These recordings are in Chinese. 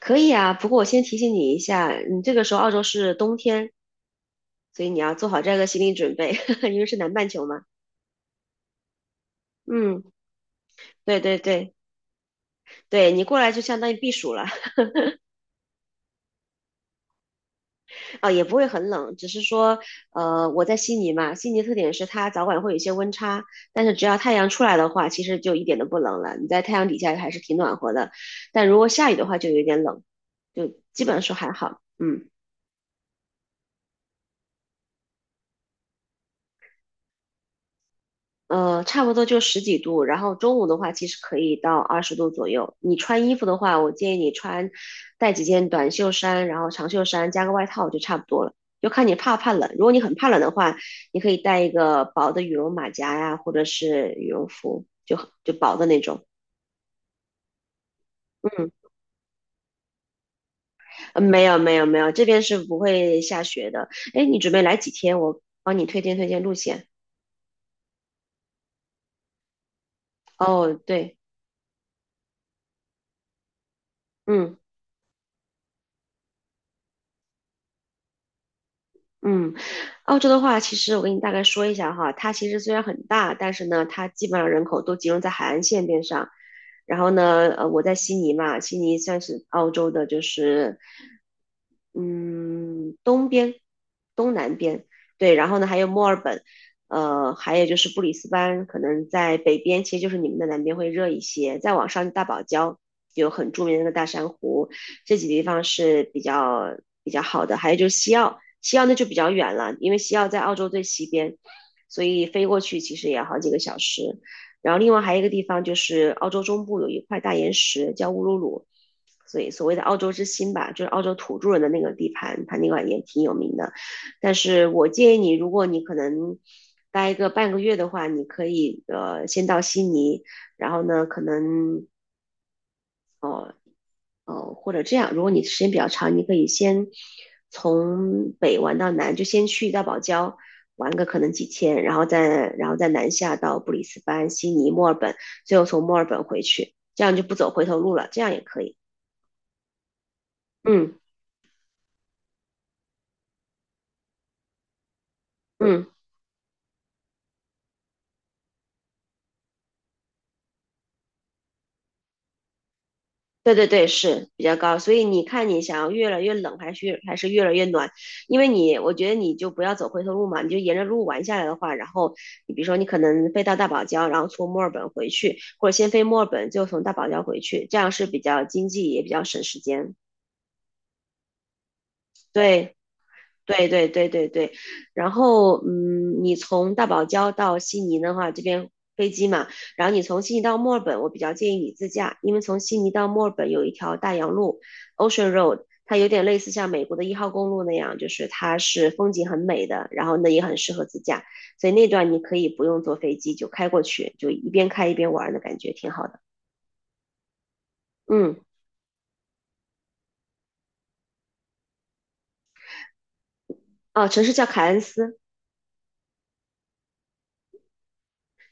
可以啊，不过我先提醒你一下，你这个时候澳洲是冬天，所以你要做好这个心理准备，因为是南半球嘛。嗯，对对对对，你过来就相当于避暑了。 啊，也不会很冷，只是说，我在悉尼嘛，悉尼特点是它早晚会有一些温差，但是只要太阳出来的话，其实就一点都不冷了，你在太阳底下还是挺暖和的，但如果下雨的话就有点冷，就基本上说还好，嗯。差不多就十几度，然后中午的话，其实可以到20度左右。你穿衣服的话，我建议你穿带几件短袖衫，然后长袖衫加个外套就差不多了。就看你怕不怕冷。如果你很怕冷的话，你可以带一个薄的羽绒马甲呀，或者是羽绒服，就薄的那种。嗯，没有没有没有，这边是不会下雪的。哎，你准备来几天？我帮你推荐推荐路线。哦，对，嗯。嗯，澳洲的话，其实我给你大概说一下哈，它其实虽然很大，但是呢，它基本上人口都集中在海岸线边上。然后呢，我在悉尼嘛，悉尼算是澳洲的，就是嗯东边、东南边，对。然后呢，还有墨尔本，还有就是布里斯班，可能在北边，其实就是你们的南边会热一些。再往上，大堡礁有很著名的那个大珊瑚，这几个地方是比较好的。还有就是西澳，西澳那就比较远了，因为西澳在澳洲最西边，所以飞过去其实也要好几个小时。然后另外还有一个地方就是澳洲中部有一块大岩石叫乌鲁鲁，所以所谓的澳洲之心吧，就是澳洲土著人的那个地盘，它那块也挺有名的。但是我建议你，如果你可能待个半个月的话，你可以先到悉尼，然后呢可能哦，或者这样，如果你时间比较长，你可以先从北玩到南，就先去到堡礁玩个可能几天，然后再南下到布里斯班、悉尼、墨尔本，最后从墨尔本回去，这样就不走回头路了，这样也可以。嗯嗯。对对对，是比较高，所以你看你想要越来越冷还是越来越暖，因为你我觉得你就不要走回头路嘛，你就沿着路玩下来的话，然后你比如说你可能飞到大堡礁，然后从墨尔本回去，或者先飞墨尔本，就从大堡礁回去，这样是比较经济也比较省时间。对，对对对对对，然后嗯，你从大堡礁到悉尼的话，这边飞机嘛，然后你从悉尼到墨尔本，我比较建议你自驾，因为从悉尼到墨尔本有一条大洋路 （Ocean Road），它有点类似像美国的1号公路那样，就是它是风景很美的，然后呢也很适合自驾，所以那段你可以不用坐飞机就开过去，就一边开一边玩儿的感觉挺好的。嗯，啊，城市叫凯恩斯，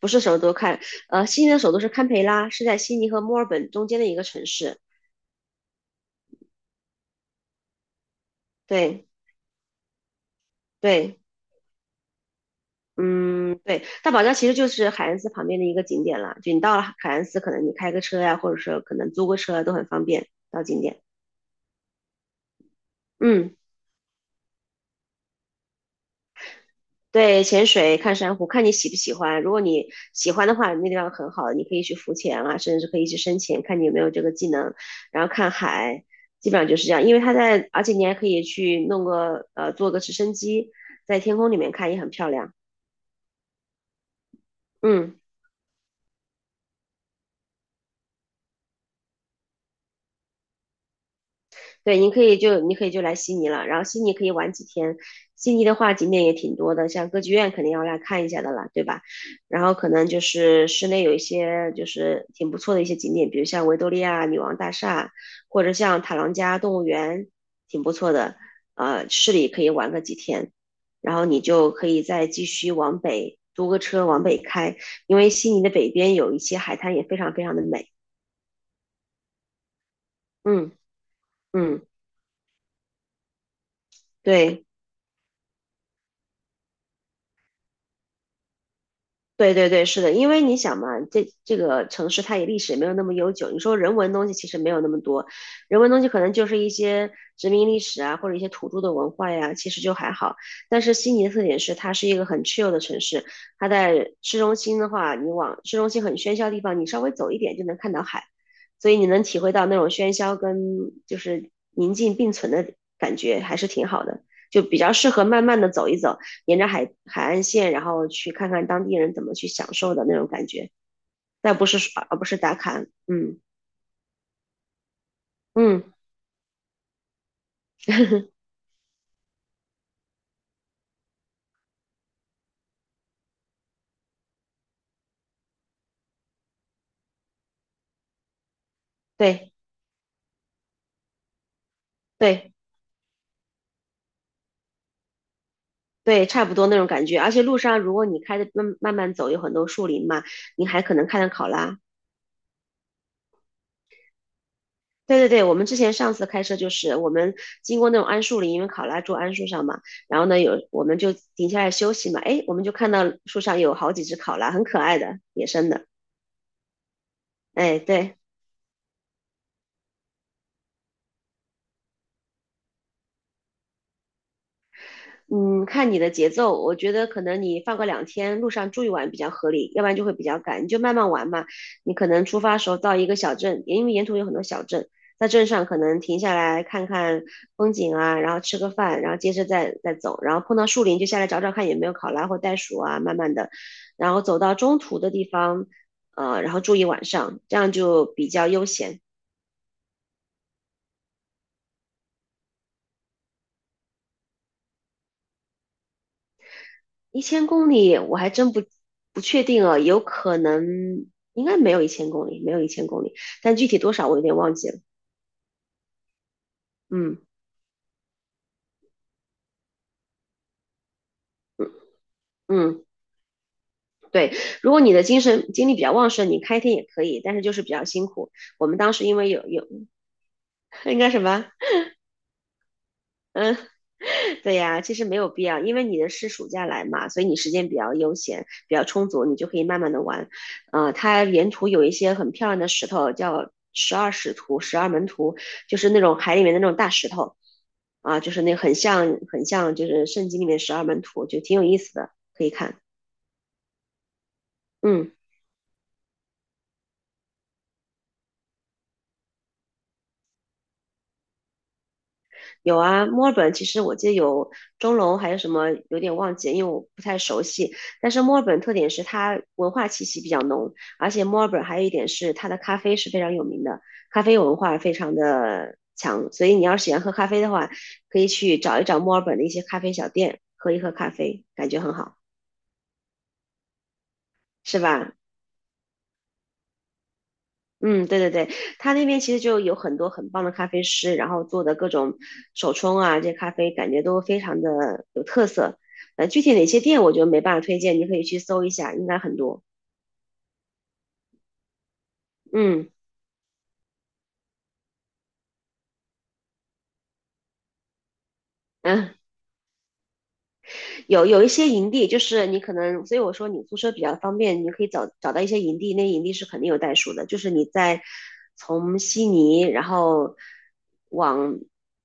不是首都看，悉尼的首都是堪培拉，是在悉尼和墨尔本中间的一个城市。对对，嗯，对，大堡礁其实就是海恩斯旁边的一个景点啦。就你到了海恩斯，可能你开个车呀、或者说可能租个车啊都很方便到景点。嗯，对，潜水、看珊瑚，看你喜不喜欢。如果你喜欢的话，那地方很好，你可以去浮潜啊，甚至可以去深潜，看你有没有这个技能。然后看海，基本上就是这样。因为它在，而且你还可以去弄个坐个直升机在天空里面看，也很漂亮。嗯。对，你可以就你可以就来悉尼了，然后悉尼可以玩几天。悉尼的话景点也挺多的，像歌剧院肯定要来看一下的啦，对吧？然后可能就是室内有一些就是挺不错的一些景点，比如像维多利亚女王大厦，或者像塔朗加动物园，挺不错的。市里可以玩个几天，然后你就可以再继续往北，租个车往北开，因为悉尼的北边有一些海滩也非常非常的美。嗯嗯，对。对对对，是的，因为你想嘛，这个城市它也历史也没有那么悠久，你说人文东西其实没有那么多，人文东西可能就是一些殖民历史啊，或者一些土著的文化呀，其实就还好。但是悉尼的特点是它是一个很 chill 的城市，它在市中心的话，你往市中心很喧嚣的地方，你稍微走一点就能看到海，所以你能体会到那种喧嚣跟就是宁静并存的感觉，还是挺好的，就比较适合慢慢的走一走。沿着海岸线，然后去看看当地人怎么去享受的那种感觉，但不是刷，而不是打卡，嗯嗯，对对对，差不多那种感觉。而且路上如果你开着慢慢走，有很多树林嘛，你还可能看到考拉。对对对，我们之前上次开车就是我们经过那种桉树林，因为考拉住桉树上嘛，然后呢有我们就停下来休息嘛，哎，我们就看到树上有好几只考拉，很可爱的野生的，哎，对。嗯，看你的节奏，我觉得可能你放个2天，路上住一晚比较合理，要不然就会比较赶。你就慢慢玩嘛，你可能出发的时候到一个小镇，因为沿途有很多小镇，在镇上可能停下来看看风景啊，然后吃个饭，然后接着再走，然后碰到树林就下来找找看有没有考拉或袋鼠啊，慢慢的，然后走到中途的地方，然后住一晚上，这样就比较悠闲。一千公里我还真不确定啊，有可能应该没有一千公里，没有一千公里，但具体多少我有点忘记了。嗯嗯嗯，对，如果你的精力比较旺盛，你开天也可以，但是就是比较辛苦。我们当时因为有 应该什么？嗯，对呀，其实没有必要，因为你的是暑假来嘛，所以你时间比较悠闲，比较充足，你就可以慢慢的玩。它沿途有一些很漂亮的石头，叫十二使徒、十二门徒，就是那种海里面的那种大石头啊，就是那很像就是圣经里面十二门徒，就挺有意思的，可以看。嗯。有啊，墨尔本其实我记得有钟楼，还有什么有点忘记了，因为我不太熟悉。但是墨尔本特点是它文化气息比较浓，而且墨尔本还有一点是它的咖啡是非常有名的，咖啡文化非常的强。所以你要是喜欢喝咖啡的话，可以去找一找墨尔本的一些咖啡小店，喝一喝咖啡，感觉很好，是吧？嗯，对对对，他那边其实就有很多很棒的咖啡师，然后做的各种手冲啊，这咖啡感觉都非常的有特色。具体哪些店我就没办法推荐，你可以去搜一下，应该很多。嗯嗯。有有一些营地，就是你可能，所以我说你租车比较方便，你可以找到一些营地，那营地是肯定有袋鼠的，就是你在从悉尼，然后往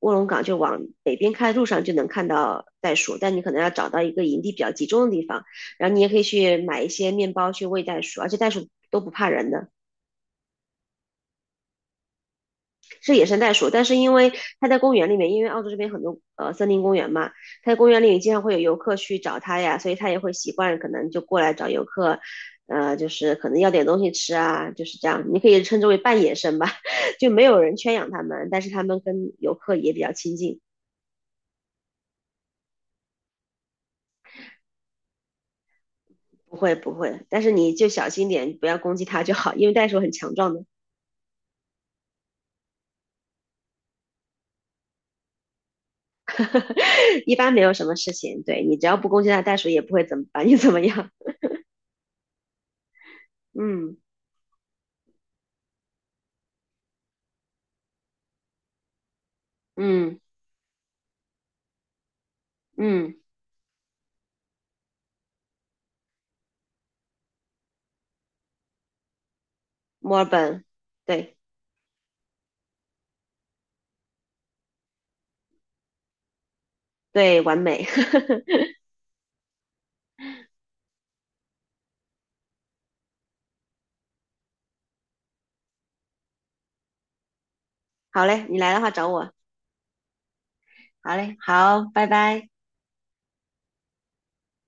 卧龙岗就往北边开的路上就能看到袋鼠，但你可能要找到一个营地比较集中的地方，然后你也可以去买一些面包去喂袋鼠，而且袋鼠都不怕人的。是野生袋鼠，但是因为它在公园里面，因为澳洲这边很多森林公园嘛，它在公园里面经常会有游客去找它呀，所以它也会习惯可能就过来找游客，就是可能要点东西吃啊，就是这样，你可以称之为半野生吧，就没有人圈养它们，但是它们跟游客也比较亲近，不会不会，但是你就小心点，不要攻击它就好，因为袋鼠很强壮的，一般没有什么事情，对你只要不攻击它，袋鼠也不会怎么把你怎么样，嗯嗯嗯。墨尔本，对对，完美。好嘞，你来的话找我。好嘞，好，拜拜。